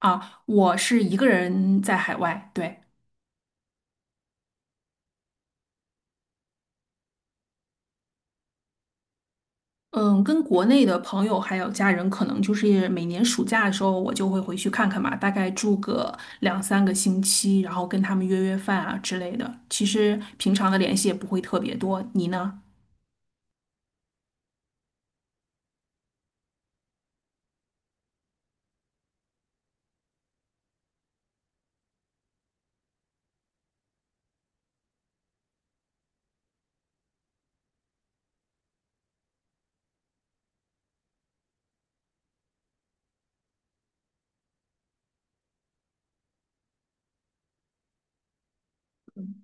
啊，我是一个人在海外，对，嗯，跟国内的朋友还有家人，可能就是每年暑假的时候，我就会回去看看嘛，大概住个两三个星期，然后跟他们约约饭啊之类的。其实平常的联系也不会特别多。你呢？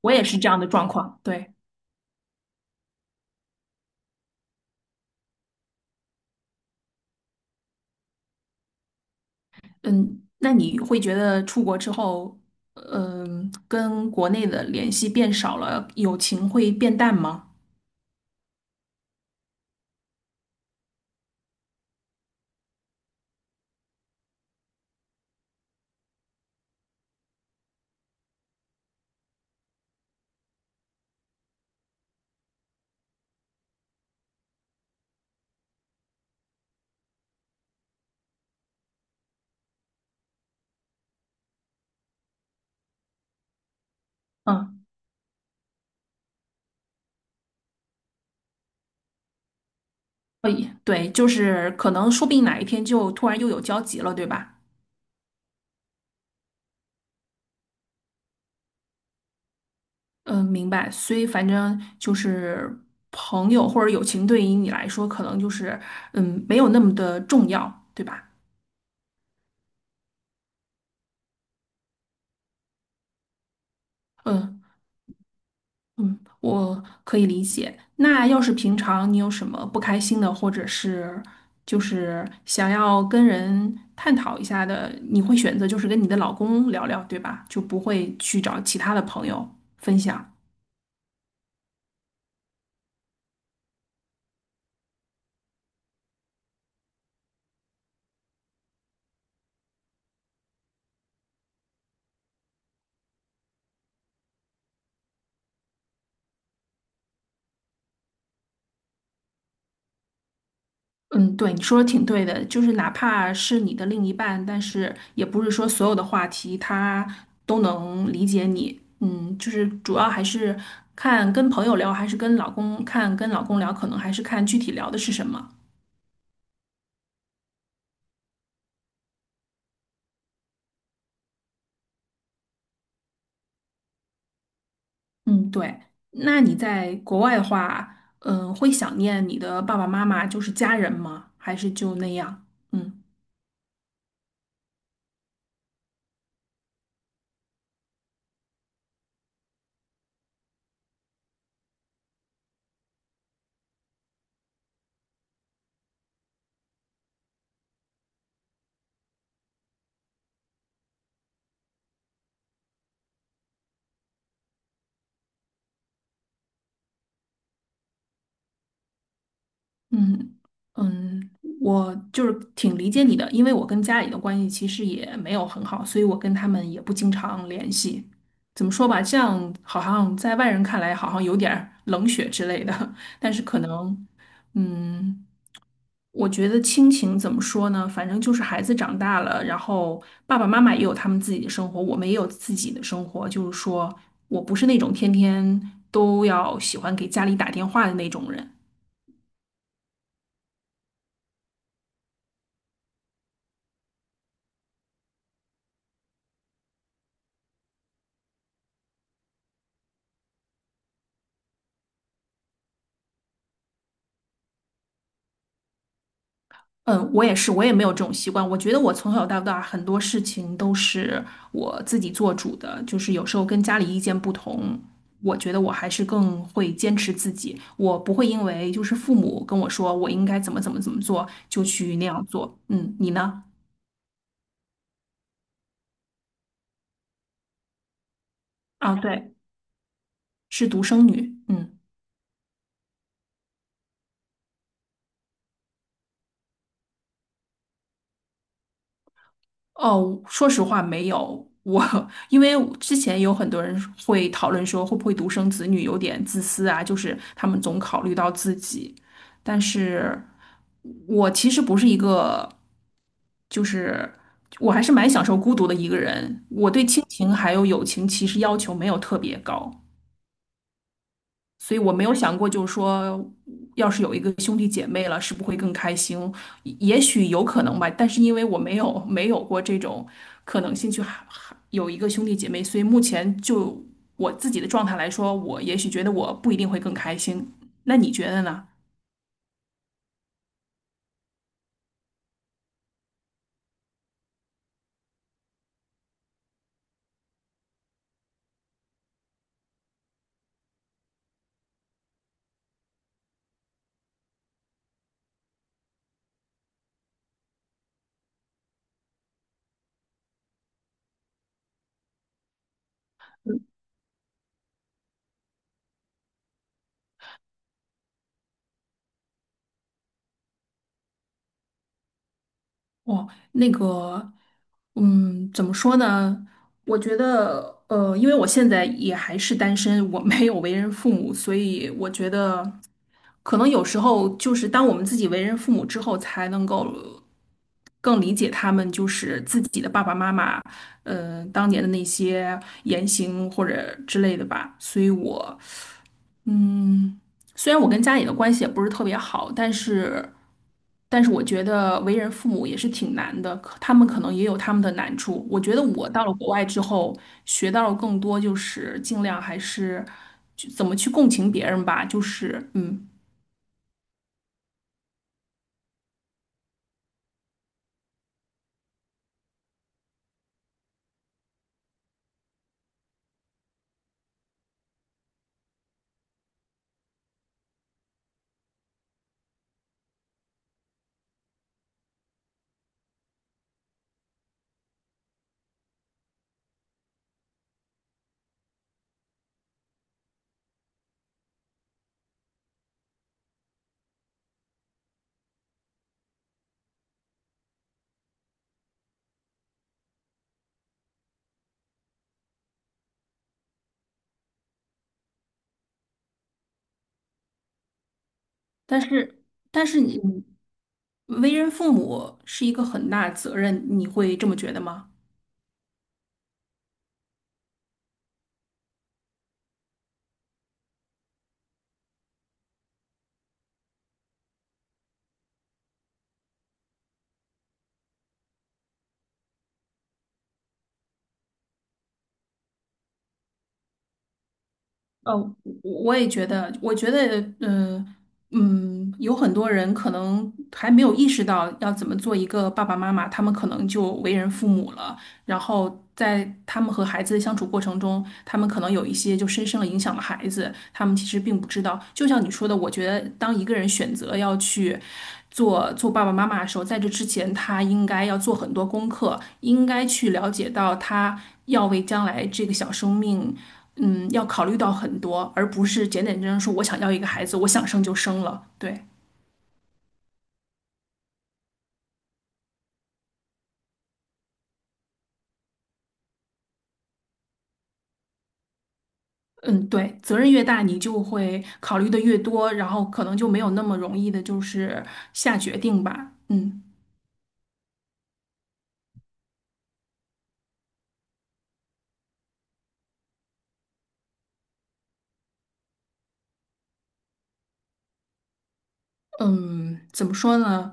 我也是这样的状况，对，嗯，那你会觉得出国之后，跟国内的联系变少了，友情会变淡吗？嗯。对，就是可能说不定哪一天就突然又有交集了，对吧？嗯，明白。所以反正就是朋友或者友情对于你来说，可能就是没有那么的重要，对吧？嗯嗯，我可以理解。那要是平常你有什么不开心的，或者是就是想要跟人探讨一下的，你会选择就是跟你的老公聊聊，对吧？就不会去找其他的朋友分享。嗯，对，你说的挺对的，就是哪怕是你的另一半，但是也不是说所有的话题他都能理解你。嗯，就是主要还是看跟朋友聊，还是跟老公看跟老公聊，可能还是看具体聊的是什么。嗯，对。那你在国外的话，会想念你的爸爸妈妈，就是家人吗？还是就那样？嗯。嗯嗯，我就是挺理解你的，因为我跟家里的关系其实也没有很好，所以我跟他们也不经常联系。怎么说吧，这样好像在外人看来好像有点儿冷血之类的，但是可能，嗯，我觉得亲情怎么说呢？反正就是孩子长大了，然后爸爸妈妈也有他们自己的生活，我们也有自己的生活。就是说我不是那种天天都要喜欢给家里打电话的那种人。嗯，我也是，我也没有这种习惯。我觉得我从小到大很多事情都是我自己做主的，就是有时候跟家里意见不同，我觉得我还是更会坚持自己。我不会因为就是父母跟我说我应该怎么怎么怎么做，就去那样做。嗯，你呢？啊，对，是独生女。嗯。哦，说实话没有。我 因为之前有很多人会讨论说，会不会独生子女有点自私啊？就是他们总考虑到自己，但是我其实不是一个，就是我还是蛮享受孤独的一个人。我对亲情还有友情其实要求没有特别高。所以我没有想过，就是说，要是有一个兄弟姐妹了，是不会更开心？也许有可能吧，但是因为我没有过这种可能性去哈哈有一个兄弟姐妹，所以目前就我自己的状态来说，我也许觉得我不一定会更开心。那你觉得呢？哦，那个，怎么说呢？我觉得，因为我现在也还是单身，我没有为人父母，所以我觉得。可能有时候就是当我们自己为人父母之后，才能够更理解他们，就是自己的爸爸妈妈，当年的那些言行或者之类的吧。所以我虽然我跟家里的关系也不是特别好，但是我觉得为人父母也是挺难的，可他们可能也有他们的难处。我觉得我到了国外之后，学到了更多，就是尽量还是就怎么去共情别人吧，就是。但是但是你为人父母是一个很大的责任，你会这么觉得吗？呃，我也觉得，我觉得，嗯嗯，有很多人可能还没有意识到要怎么做一个爸爸妈妈，他们可能就为人父母了，然后在他们和孩子的相处过程中，他们可能有一些就深深的影响了孩子，他们其实并不知道。就像你说的，我觉得当一个人选择要去做做爸爸妈妈的时候，在这之前，他应该要做很多功课，应该去了解到他要为将来这个小生命。嗯，要考虑到很多，而不是简简单单说我想要一个孩子，我想生就生了。对，嗯，对，责任越大，你就会考虑的越多，然后可能就没有那么容易的，就是下决定吧。嗯嗯，怎么说呢？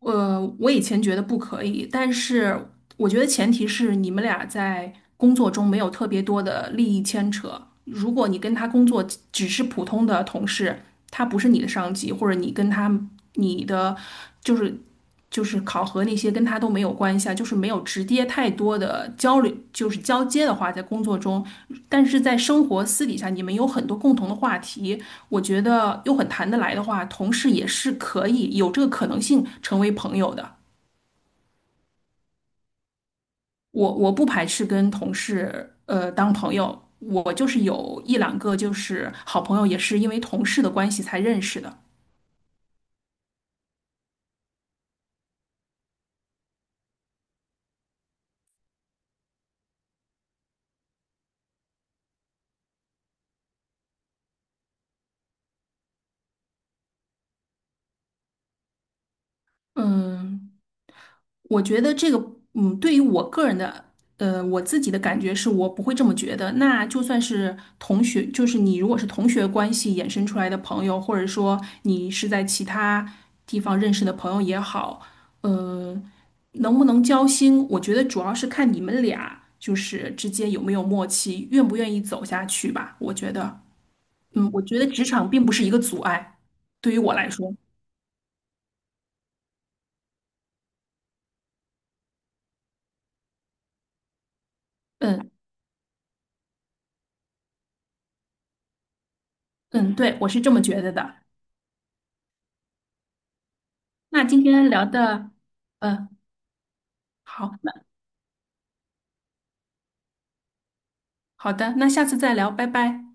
我以前觉得不可以，但是我觉得前提是你们俩在工作中没有特别多的利益牵扯。如果你跟他工作只是普通的同事，他不是你的上级，或者你跟他你的就是就是考核那些跟他都没有关系啊，就是没有直接太多的交流，就是交接的话，在工作中，但是在生活私底下，你们有很多共同的话题，我觉得又很谈得来的话，同事也是可以有这个可能性成为朋友的。我不排斥跟同事当朋友，我就是有一两个就是好朋友，也是因为同事的关系才认识的。嗯，我觉得这个，对于我个人的，我自己的感觉是我不会这么觉得。那就算是同学，就是你如果是同学关系衍生出来的朋友，或者说你是在其他地方认识的朋友也好，呃，能不能交心，我觉得主要是看你们俩就是之间有没有默契，愿不愿意走下去吧。我觉得，我觉得职场并不是一个阻碍，对于我来说，嗯嗯，对，我是这么觉得的。那今天聊的，呃，好，那好的，那下次再聊，拜拜。